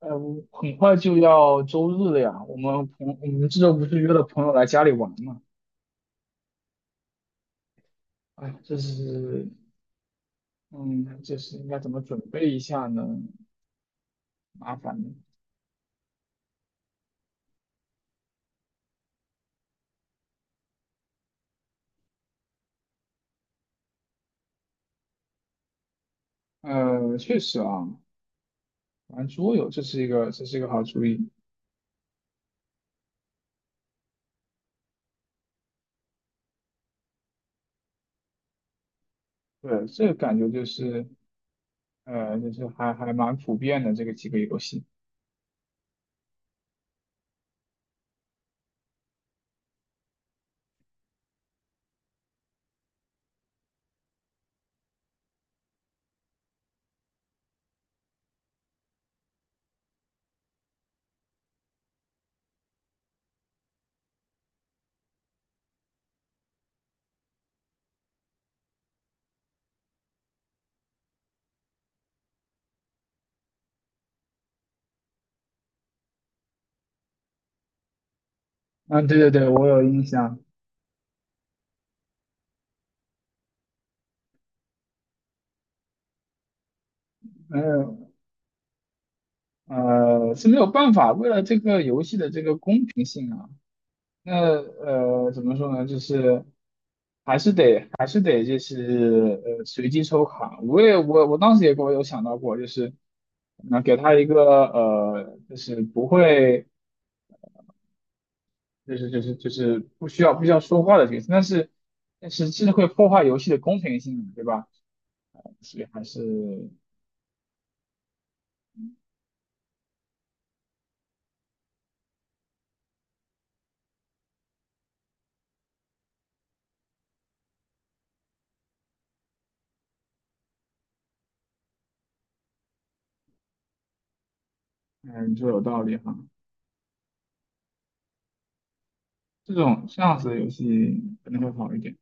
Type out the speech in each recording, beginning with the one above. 我很快就要周日了呀，我们这周不是约了朋友来家里玩嘛？哎，这是，嗯，这是应该怎么准备一下呢？麻烦了。确实啊，玩桌游这是一个好主意。对，这个感觉就是，就是还蛮普遍的这个几个游戏。嗯，对对对，我有印象。嗯，是没有办法，为了这个游戏的这个公平性啊，那怎么说呢？就是。还是得随机抽卡。我当时也给我有想到过，就是那给他一个就是不会就是不需要说话的角色，但是这是会破坏游戏的公平性的对吧？所以还是嗯你说有道理哈，这种这样子的游戏可能会好一点。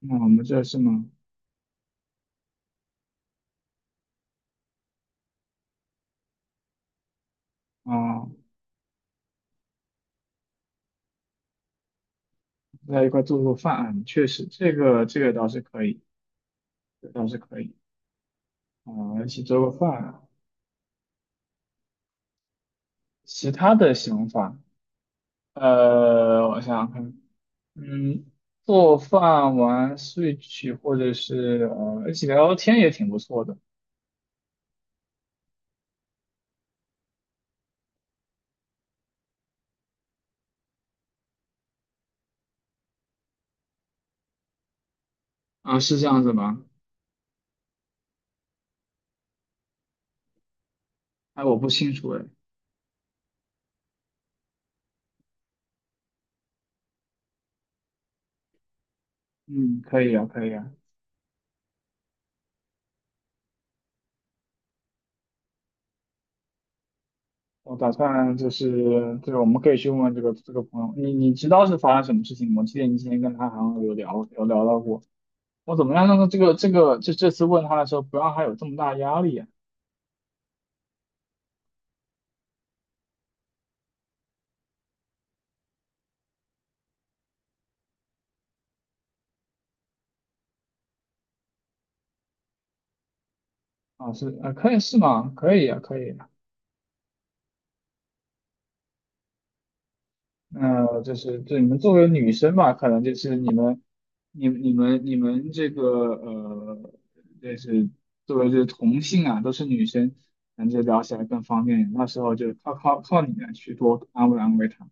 那我们这是吗？啊在一块做做饭，确实这个倒是可以，这个倒是可以啊一起做个饭。其他的想法，我想想看，嗯，做饭、玩 Switch 或者是一起聊聊天也挺不错的。啊，是这样子吗？哎，我不清楚哎。嗯，可以啊，可以啊。我打算就是，对，我们可以去问问这个朋友，你知道是发生什么事情吗？我记得你之前跟他好像有聊到过。我怎么样让他这个这次问他的时候不让他有这么大压力啊？啊，是啊，可以是吗？可以啊，可以啊那就是对你们作为女生嘛，可能就是你们、你们这个呃，就是作为这个同性啊，都是女生，感觉聊起来更方便。那时候就靠你们去多安慰安慰她。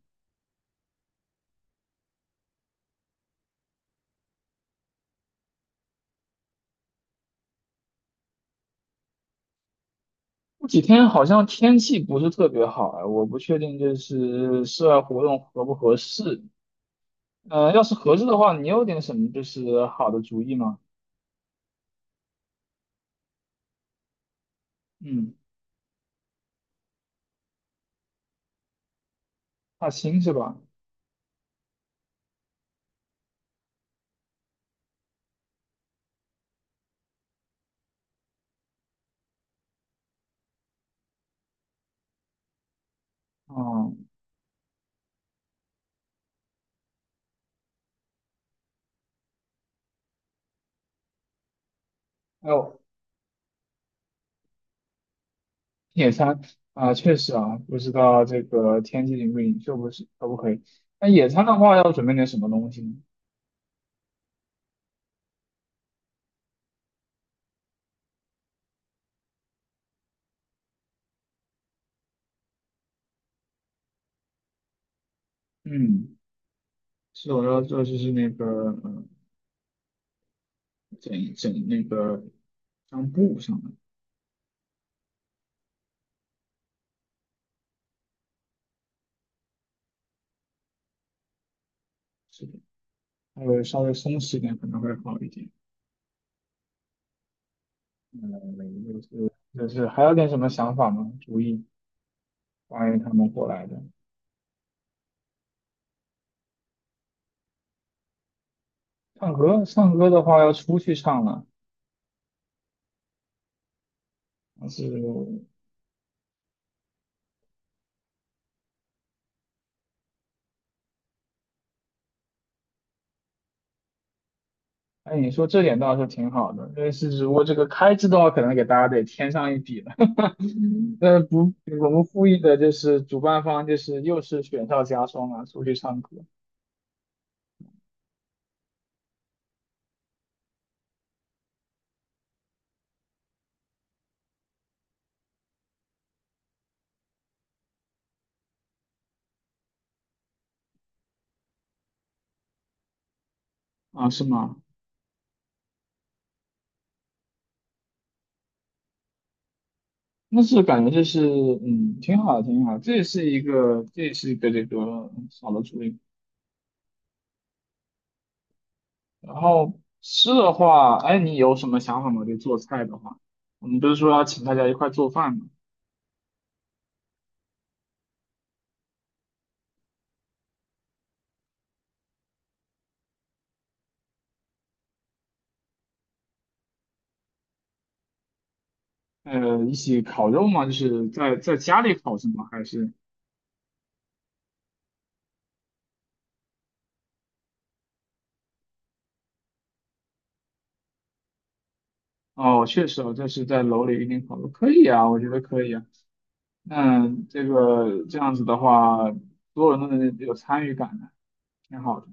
这几天好像天气不是特别好啊，我不确定就是室外活动合不合适。要是合适的话，你有点什么就是好的主意吗？嗯，踏青是吧？哦，有。野餐啊，确实啊，不知道这个天气允不允许，不是可不可以？那野餐的话，要准备点什么东西呢？嗯，是我要做就是那个，嗯，整整那个像布上的，是的，还有稍微松弛一点可能会好一点。嗯，就是还有点什么想法吗？主意关于他们过来的唱歌，唱歌的话要出去唱了，还是哎，你说这点倒是挺好的，但是只不过这个开支的话，可能给大家得添上一笔了。嗯 那不，我们故意的就是主办方就是又是雪上加霜啊，出去唱歌啊，是吗？那是感觉就是嗯，挺好的挺好的这也是一个，这也是一个这个嗯小的主意。然后吃的话，哎，你有什么想法吗？就做菜的话，我们不是说要请大家一块做饭吗？一起烤肉吗？就是在在家里烤是吗？还是？哦，确实哦，这是在楼里一定考虑，可以啊，我觉得可以啊。那这个这样子的话，所有人都能有参与感的，挺好的。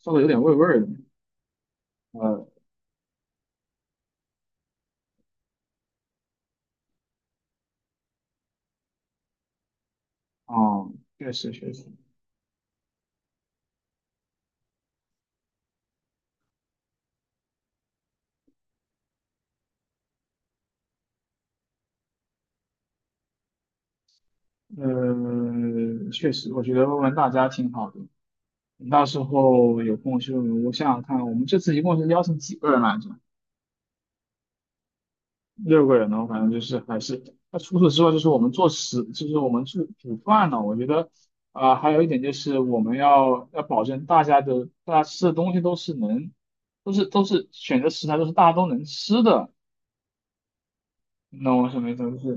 说的有点味儿的，呃，哦，确实确实，确实，我觉得问问大家挺好的。你到时候有空就，我想想看，我们这次一共是邀请几个人来着？六个人呢，我反正就是还是，那除此之外，就是我们做食，就是我们去煮饭呢。我觉得，啊、还有一点就是我们要要保证大家的大家吃的东西都是能，都是选择食材都是大家都能吃的。你懂我什么意思就是，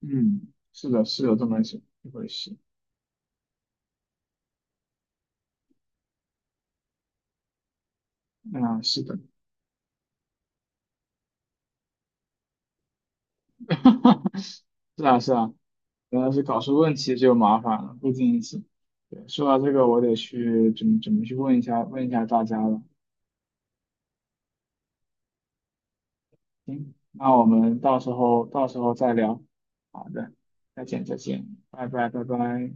嗯，是的，是有这么一回事。啊，是的，是啊，是啊。原来是搞出问题就麻烦了，不仅仅是。对，说到这个，我得去准备去问一下问一下大家了。行，那我们到时候再聊。好的，再见再见，拜拜拜拜。